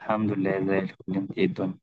الحمد لله زي الفل. انت ايه الدنيا؟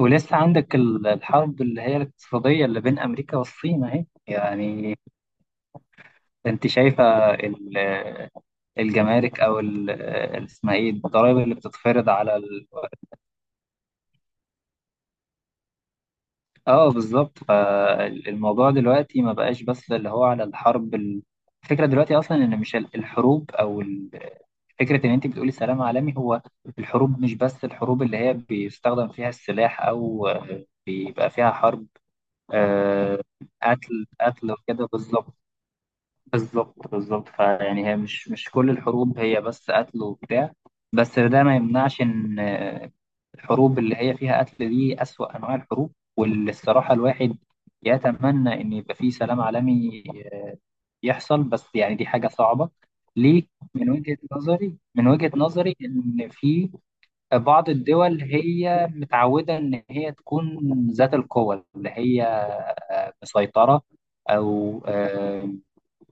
ولسه عندك الحرب اللي هي الاقتصادية اللي بين أمريكا والصين أهي، يعني. أنت شايفة ال- الجمارك أو اسمها إيه، الضرائب اللي بتتفرض على آه، بالظبط. فالموضوع دلوقتي ما بقاش بس اللي هو على الحرب الفكرة دلوقتي أصلا إن مش الحروب أو فكرة إن أنت بتقولي سلام عالمي. هو الحروب مش بس الحروب اللي هي بيستخدم فيها السلاح أو بيبقى فيها حرب. آه، قتل قتل وكده، بالظبط، بالظبط، بالظبط. فيعني هي مش كل الحروب هي بس قتل وبتاع، بس ده ما يمنعش ان الحروب اللي هي فيها قتل دي أسوأ انواع الحروب، واللي الصراحة الواحد يتمنى ان يبقى فيه سلام عالمي آه، يحصل، بس يعني دي حاجة صعبة. ليه؟ من وجهة نظري ان في بعض الدول هي متعودة ان هي تكون ذات القوة، اللي هي مسيطرة، أو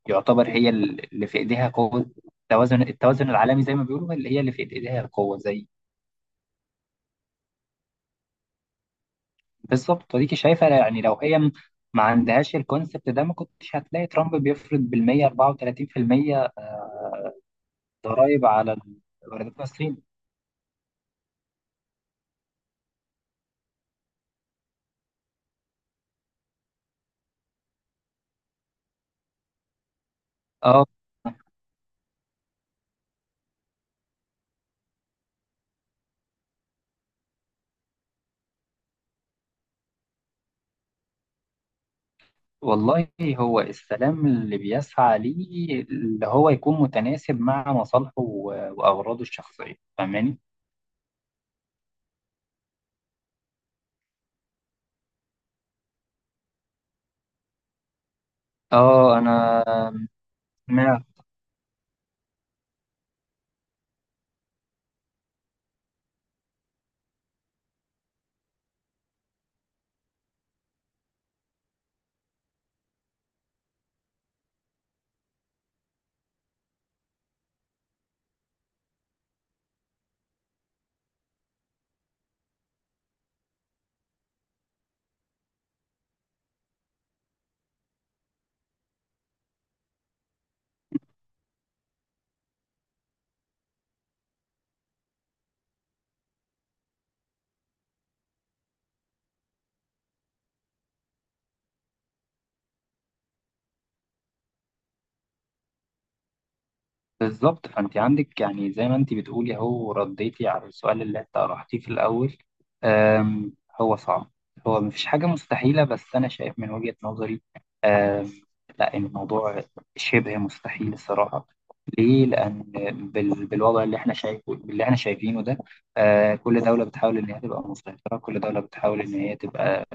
يعتبر هي اللي في إيديها قوة التوازن، العالمي، زي ما بيقولوا، اللي هي اللي في إيديها القوة زي بالظبط. وديكي شايفة، يعني لو هي ما عندهاش الكونسبت ده، ما كنتش هتلاقي ترامب بيفرض بالمية 34% ضرائب على الواردات من الصين. اه، والله هو السلام اللي بيسعى ليه اللي هو يكون متناسب مع مصالحه وأغراضه الشخصية، فاهماني؟ اه، انا سمعت. بالظبط، فانت عندك، يعني زي ما انت بتقولي، هو رديتي على السؤال اللي انت طرحتيه في الاول. أم هو صعب، هو مفيش حاجه مستحيله، بس انا شايف من وجهه نظري أم لا، الموضوع شبه مستحيل الصراحه. ليه؟ لان بالوضع اللي احنا شايفه، اللي احنا شايفينه ده، أه، كل دوله بتحاول ان هي تبقى مسيطره، كل دوله بتحاول ان هي تبقى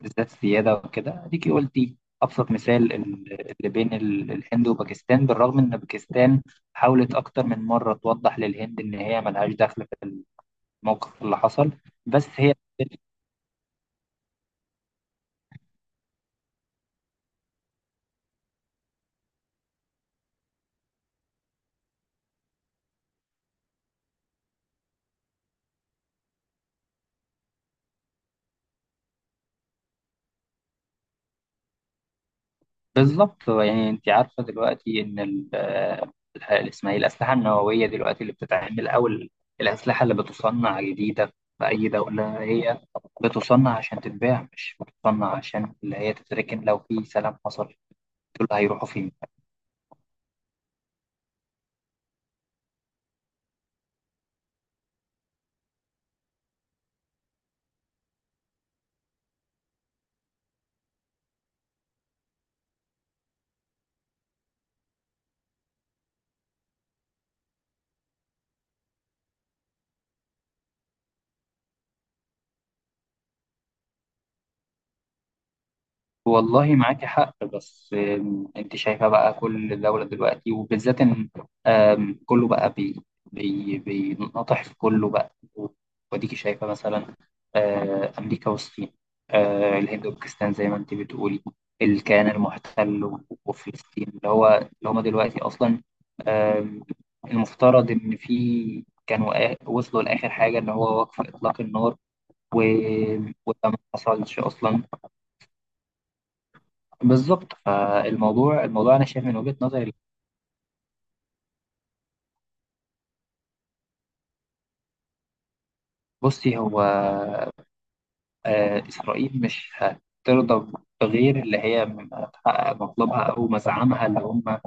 بالذات سيادة وكده. اديكي قلتي ابسط مثال اللي بين الهند وباكستان، بالرغم ان باكستان حاولت اكتر من مرة توضح للهند ان هي ملهاش دخل في الموقف اللي حصل، بس هي بالظبط. يعني انت عارفة دلوقتي ان اسمها ايه، الاسلحة النووية دلوقتي اللي بتتعمل، او الاسلحة اللي بتصنع جديدة في اي دولة، هي بتصنع عشان تتباع، مش بتصنع عشان اللي هي تتركن لو في سلام حصل. دول هيروحوا فين؟ والله معاكي حق، بس انت شايفة بقى، كل دولة دلوقتي وبالذات ان كله بقى بي بينطح في كله بقى. وديكي شايفة مثلا أمريكا والصين، الهند وباكستان زي ما انت بتقولي، الكيان المحتل وفلسطين اللي هو اللي هما دلوقتي أصلا آم، المفترض إن في كانوا وصلوا لآخر حاجة اللي هو وقف إطلاق النار و- وده ما حصلش أصلا. بالظبط، فالموضوع، انا شايف من وجهة نظري، بصي هو اسرائيل مش هترضى بغير اللي هي تحقق مطلبها او مزعمها اللي هم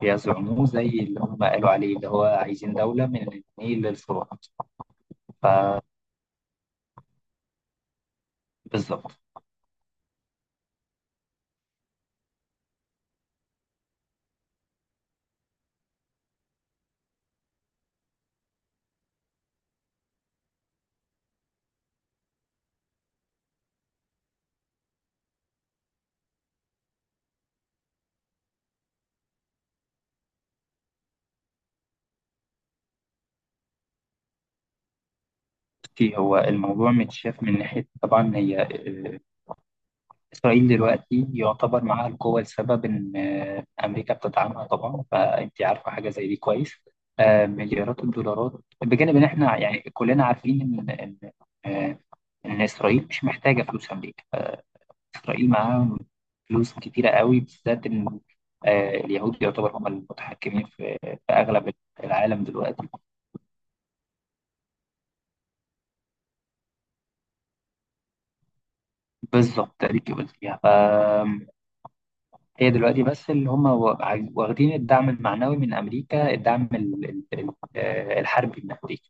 بيزعموه، زي اللي هم قالوا عليه، اللي هو عايزين دولة من النيل للفرات. بالظبط. بصي، هو الموضوع متشاف من ناحية، طبعا هي إسرائيل دلوقتي يعتبر معاها القوة، لسبب إن أمريكا بتدعمها طبعا، فأنت عارفة حاجة زي دي كويس، مليارات الدولارات. بجانب إن إحنا يعني كلنا عارفين إن آه، إن إسرائيل مش محتاجة فلوس أمريكا، إسرائيل معاها فلوس كتيرة قوي، بالذات إن اليهود يعتبر هم المتحكمين في أغلب العالم دلوقتي. بالظبط تقريبا فيها. هي دلوقتي بس اللي هم واخدين الدعم المعنوي من أمريكا، الدعم الحربي من أمريكا.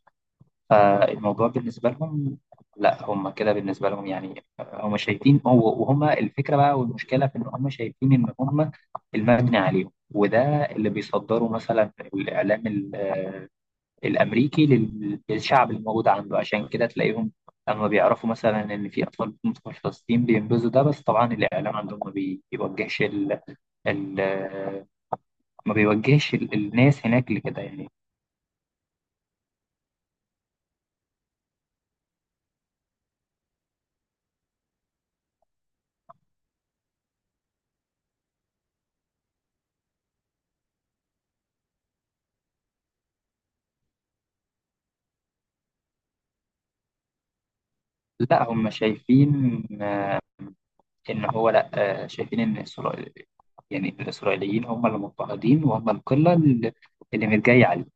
فالموضوع بالنسبة لهم لا، هم كده بالنسبة لهم، يعني هم شايفين، هو وهم الفكرة بقى، والمشكلة في إن هم شايفين إن هم المبني عليهم، وده اللي بيصدروا مثلا الإعلام الامريكي للشعب الموجود عنده، عشان كده تلاقيهم لما بيعرفوا مثلا ان في اطفال بتموت في فلسطين بينبذوا ده، بس طبعا الاعلام عندهم ما بي- بيوجهش ال... ما بيوجهش الناس هناك لكده، يعني. لا هم شايفين ان هو لا، شايفين ان اسرائيل، يعني الاسرائيليين، هم اللي مضطهدين وهم القله اللي متجايه عليهم.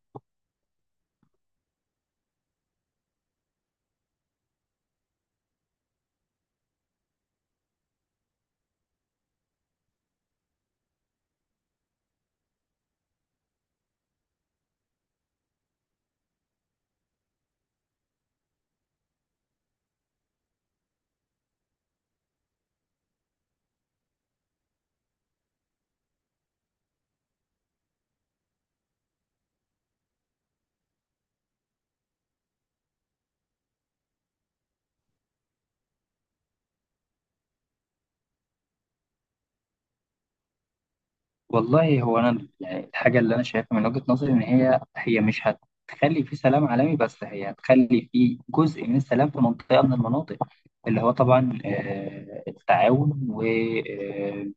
والله، هو انا يعني الحاجه اللي انا شايفها من وجهه نظري، ان هي مش هتخلي في سلام عالمي، بس هي هتخلي في جزء من السلام في منطقه من المناطق، اللي هو طبعا التعاون والاخاء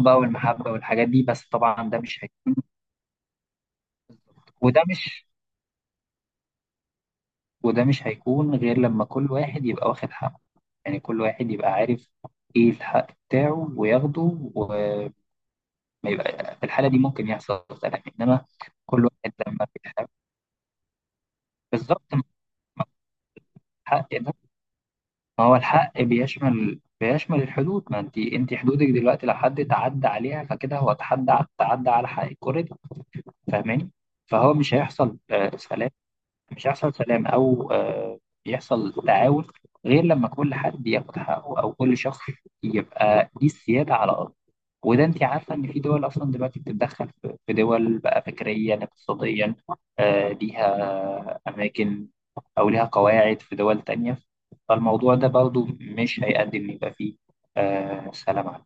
بقى، والمحبه والحاجات دي، بس طبعا ده مش هيكون. وده مش وده مش هيكون غير لما كل واحد يبقى واخد حقه، يعني كل واحد يبقى عارف ايه الحق بتاعه وياخده، وما يبقى في الحاله دي ممكن يحصل سلام. انما كل واحد لما بيحاول، بالظبط، حق ده، ما هو الحق بيشمل الحدود. ما انت، انت حدودك دلوقتي لو حد تعدى عليها، فكده هو تعدى على حق الكورة دي، فاهماني؟ فهو مش هيحصل سلام، مش هيحصل سلام او يحصل تعاون، غير لما كل حد ياخد حقه، او كل شخص يبقى ليه السيادة على ارضه. وده انت عارفه ان في دول اصلا دلوقتي بتتدخل في دول بقى فكريا، اقتصاديا، ليها اماكن او ليها قواعد في دول تانية، فالموضوع ده برضو مش هيقدم إن يبقى فيه سلام عام.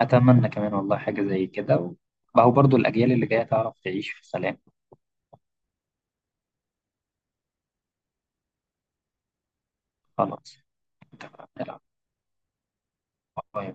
اتمنى كمان، والله، حاجة زي كده. ما هو برضو الاجيال اللي جاية تعرف تعيش في سلام. خلاص، اتفقنا، لا. باي.